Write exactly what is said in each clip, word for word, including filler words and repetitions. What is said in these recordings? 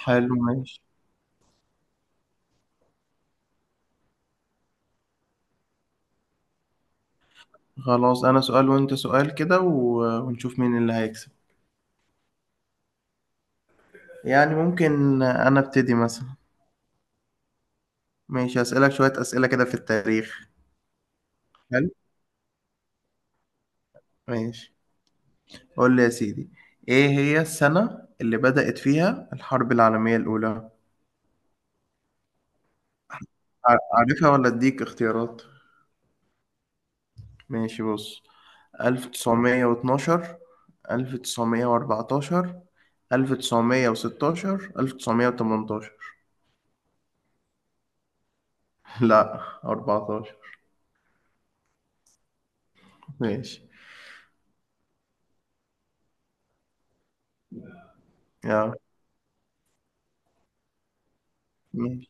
حلو، ماشي، خلاص. انا سؤال وانت سؤال كده و- ونشوف مين اللي هيكسب. يعني ممكن انا ابتدي مثلا. ماشي، هسألك شوية أسئلة كده في التاريخ. حلو، ماشي. قول لي يا سيدي: ايه هي السنة اللي بدأت فيها الحرب العالمية الأولى؟ ع- عارفها ولا اديك اختيارات؟ ماشي، بص: ألف وتسعمائة واثني عشر، ألف وتسعمية وأربعتاشر، ألف وتسعمية وستاشر، ألف وتسعمائة وثمانية عشر. لا، أربعتاشر. ماشي ماشي.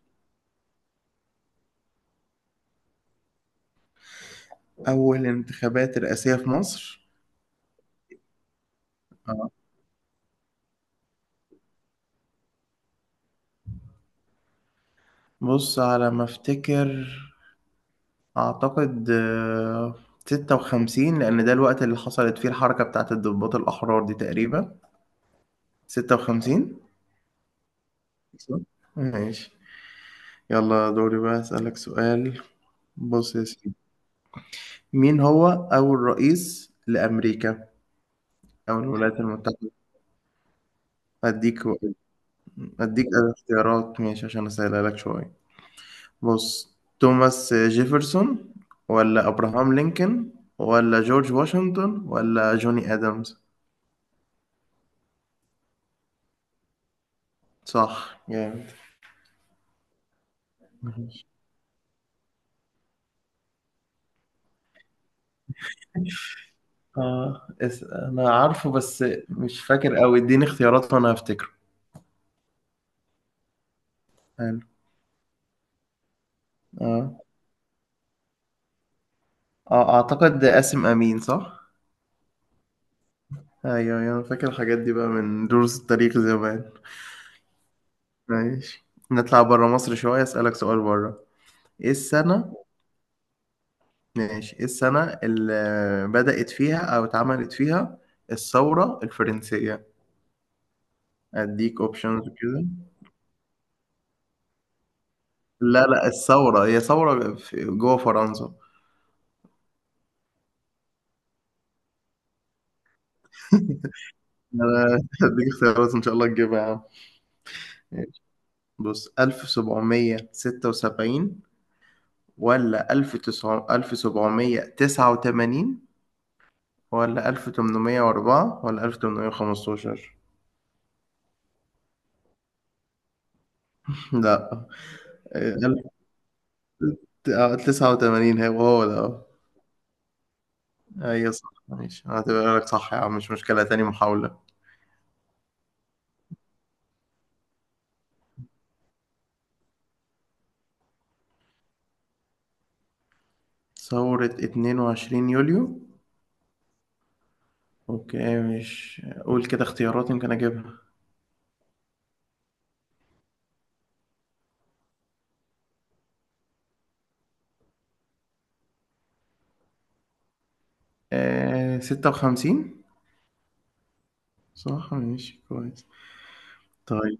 أول انتخابات رئاسية في مصر؟ آه. بص، على ما أفتكر أعتقد آه، ستة وخمسين، لأن ده الوقت اللي حصلت فيه الحركة بتاعة الضباط الأحرار دي تقريبا. ستة وخمسين. صح؟ ماشي. يلا دوري بقى أسألك سؤال. بص يا سيدي: مين هو أول رئيس لأمريكا أو الولايات المتحدة؟ أديك. أديك اختيارات ماشي عشان أسهلها لك شوية. بص: توماس جيفرسون، ولا ابراهام لينكولن، ولا جورج واشنطن، ولا جوني ادمز؟ صح جامد. اه اس... انا عارفه بس مش فاكر قوي، اديني اختيارات وانا هفتكره. حلو. اه اه، اعتقد قاسم امين. صح؟ ايوه ايوه، انا فاكر الحاجات دي بقى من دروس التاريخ زمان. ماشي. نطلع بره مصر شويه اسالك سؤال بره. ايه السنه ماشي، ايه السنه اللي بدأت فيها او اتعملت فيها الثوره الفرنسيه؟ اديك اوبشنز كده. لا لا، الثوره هي ثوره في- جوه فرنسا. أنا هديك اختيارات ان شاء الله تجيبها يا عم. ماشي. بص: ألف وسبعمية وستة وسبعين، ولا ألف وسبعمية وتسعة وتمانين، ولا ألف وتمنمية وأربعة، ولا ألف وتمنمية وخمستاشر؟ لا. آه، ألف وتسعة وتمانين، هو هو ده. آه. ايوه صح ماشي، هعتبرها لك صح يا عم، مش مشكلة، تاني محاولة. ثورة اتنين وعشرين يوليو. اوكي، مش قول كده اختيارات يمكن اجيبها. آه، ستة وخمسين. صح ماشي كويس. طيب،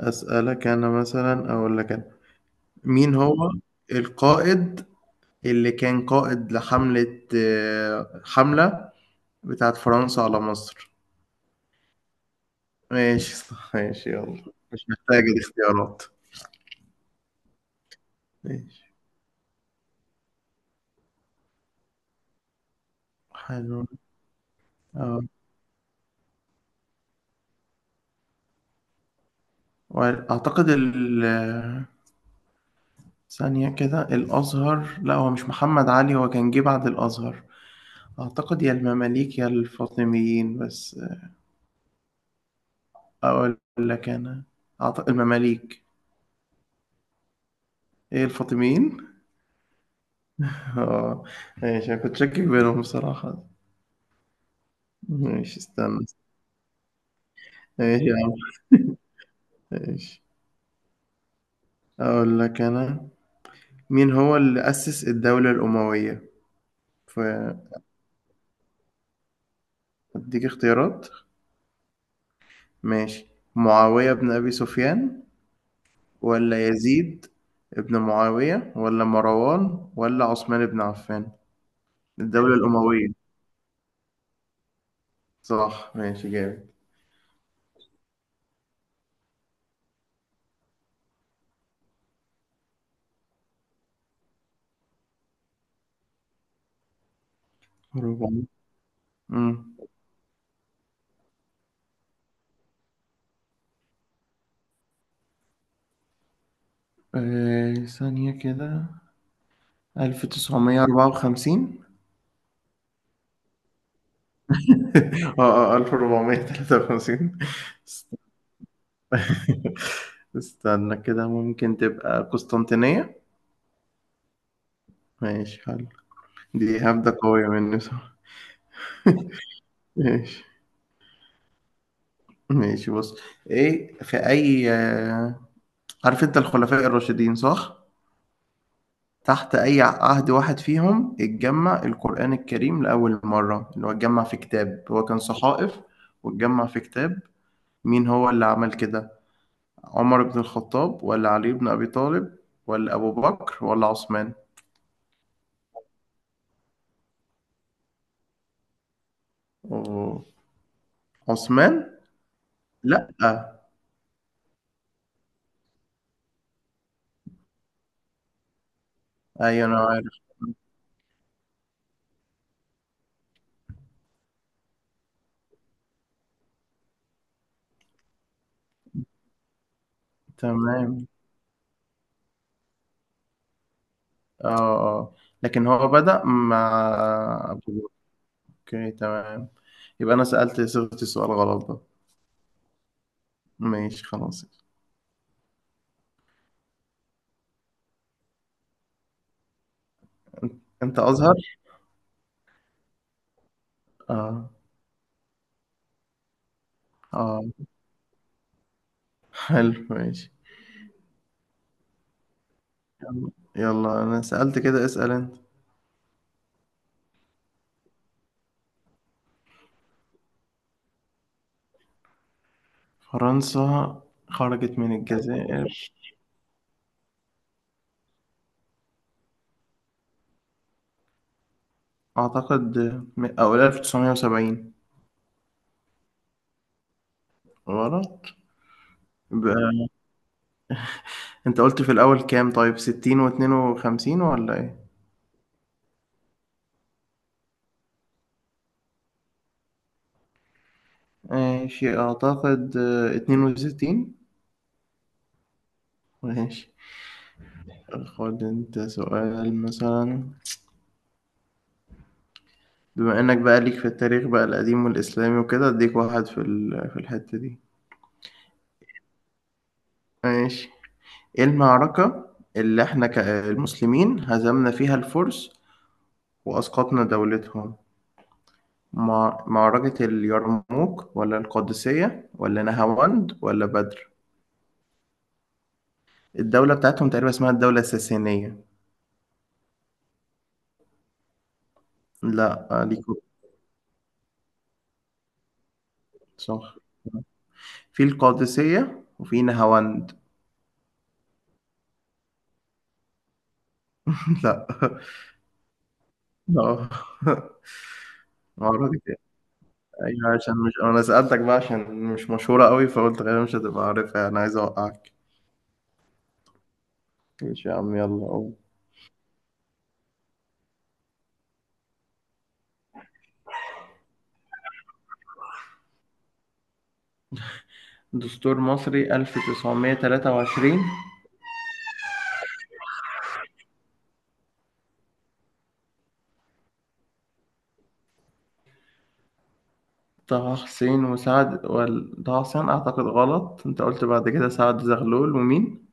اسألك انا مثلا، اقول لك انا: مين هو القائد اللي كان قائد لحملة آه، حملة بتاعت فرنسا على مصر؟ ماشي صح ماشي، يلا مش محتاج الاختيارات. ماشي حلو. اه، واعتقد ال آه، ثانية كده، الازهر لا، هو مش محمد علي، هو كان جه بعد الازهر. أعتقد يا المماليك يا الفاطميين بس. أقول لك أنا: أعتقد المماليك. إيه، الفاطميين؟ آه، ماشي، أنا كنت شاكك بينهم بصراحة. ماشي، استنى. ماشي يا عم، ماشي. أقول لك أنا: مين هو اللي أسس الدولة الأموية؟ فأديك اختيارات ماشي: معاوية بن أبي سفيان، ولا يزيد ابن معاوية، ولا مروان، ولا عثمان بن عفان؟ الدولة الأموية. صح ماشي جامد. امم آه ثانية كده، ألف وتسعمية وأربعة وخمسين. اه اه ألف وأربعمية وتلاتة وخمسين. است- استنى كده، ممكن تبقى قسطنطينية. ماشي حلو. دي هبدة قوية مني بصراحة. ماشي ماشي. بص: ايه في اي آه، عارف انت الخلفاء الراشدين صح؟ تحت اي عهد واحد فيهم اتجمع القرآن الكريم لأول مرة، اللي هو اتجمع في كتاب هو كان صحائف واتجمع في كتاب، مين هو اللي عمل كده؟ عمر بن الخطاب، ولا علي بن أبي طالب، ولا أبو بكر، ولا عثمان؟ أوه. عثمان. لأ. أيوة أنا عارف. تمام. اه آه. لكن هو بدأ مع أبو بكر. أوكي تمام. يبقى أنا سألت صيغة السؤال غلط ده. ماشي خلاص. أنت أزهر؟ اه اه. حلو ماشي. يلا. يلا، أنا سألت كده، اسأل أنت. فرنسا خرجت من الجزائر. أعتقد م- أو ألف وتسعمية وسبعين. غلط. يبقى انت قلت في الأول كام؟ طيب ستين واتنين وخمسين ولا ايه؟ ماشي أعتقد آه، اتنين وستين. ماشي. خد انت سؤال مثلا، بما انك بقى ليك في التاريخ بقى القديم والإسلامي وكده، اديك واحد في ال- في الحتة دي. ماشي. ايه المعركة اللي احنا كمسلمين هزمنا فيها الفرس وأسقطنا دولتهم؟ مع... معركة اليرموك، ولا القادسية، ولا نهاوند، ولا بدر؟ الدولة بتاعتهم تقريبا اسمها الدولة الساسانية. لا. آه، ليك. صح، في القادسية وفي نهاوند. لا. اه معركة أيوة، عشان مش، أنا سألتك بقى عشان مش مشهورة قوي، فقلت غالبا مش هتبقى عارفها، أنا عايز أوقعك. ماشي يا عم، يلا قوم. دستور مصري ألف وتسعمية وتلاتة وعشرين. طه حسين وسعد وال... طه حسين أعتقد غلط، أنت قلت بعد كده سعد زغلول ومين؟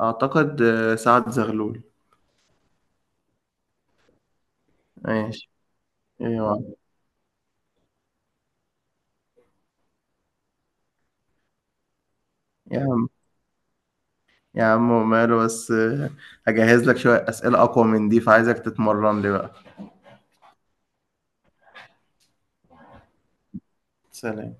أعتقد آه، سعد زغلول. ماشي. أيوة. يا عم يا عم، وماله بس، آه، هجهز لك شوية أسئلة أقوى من دي فعايزك تتمرن لي بقى. سلام.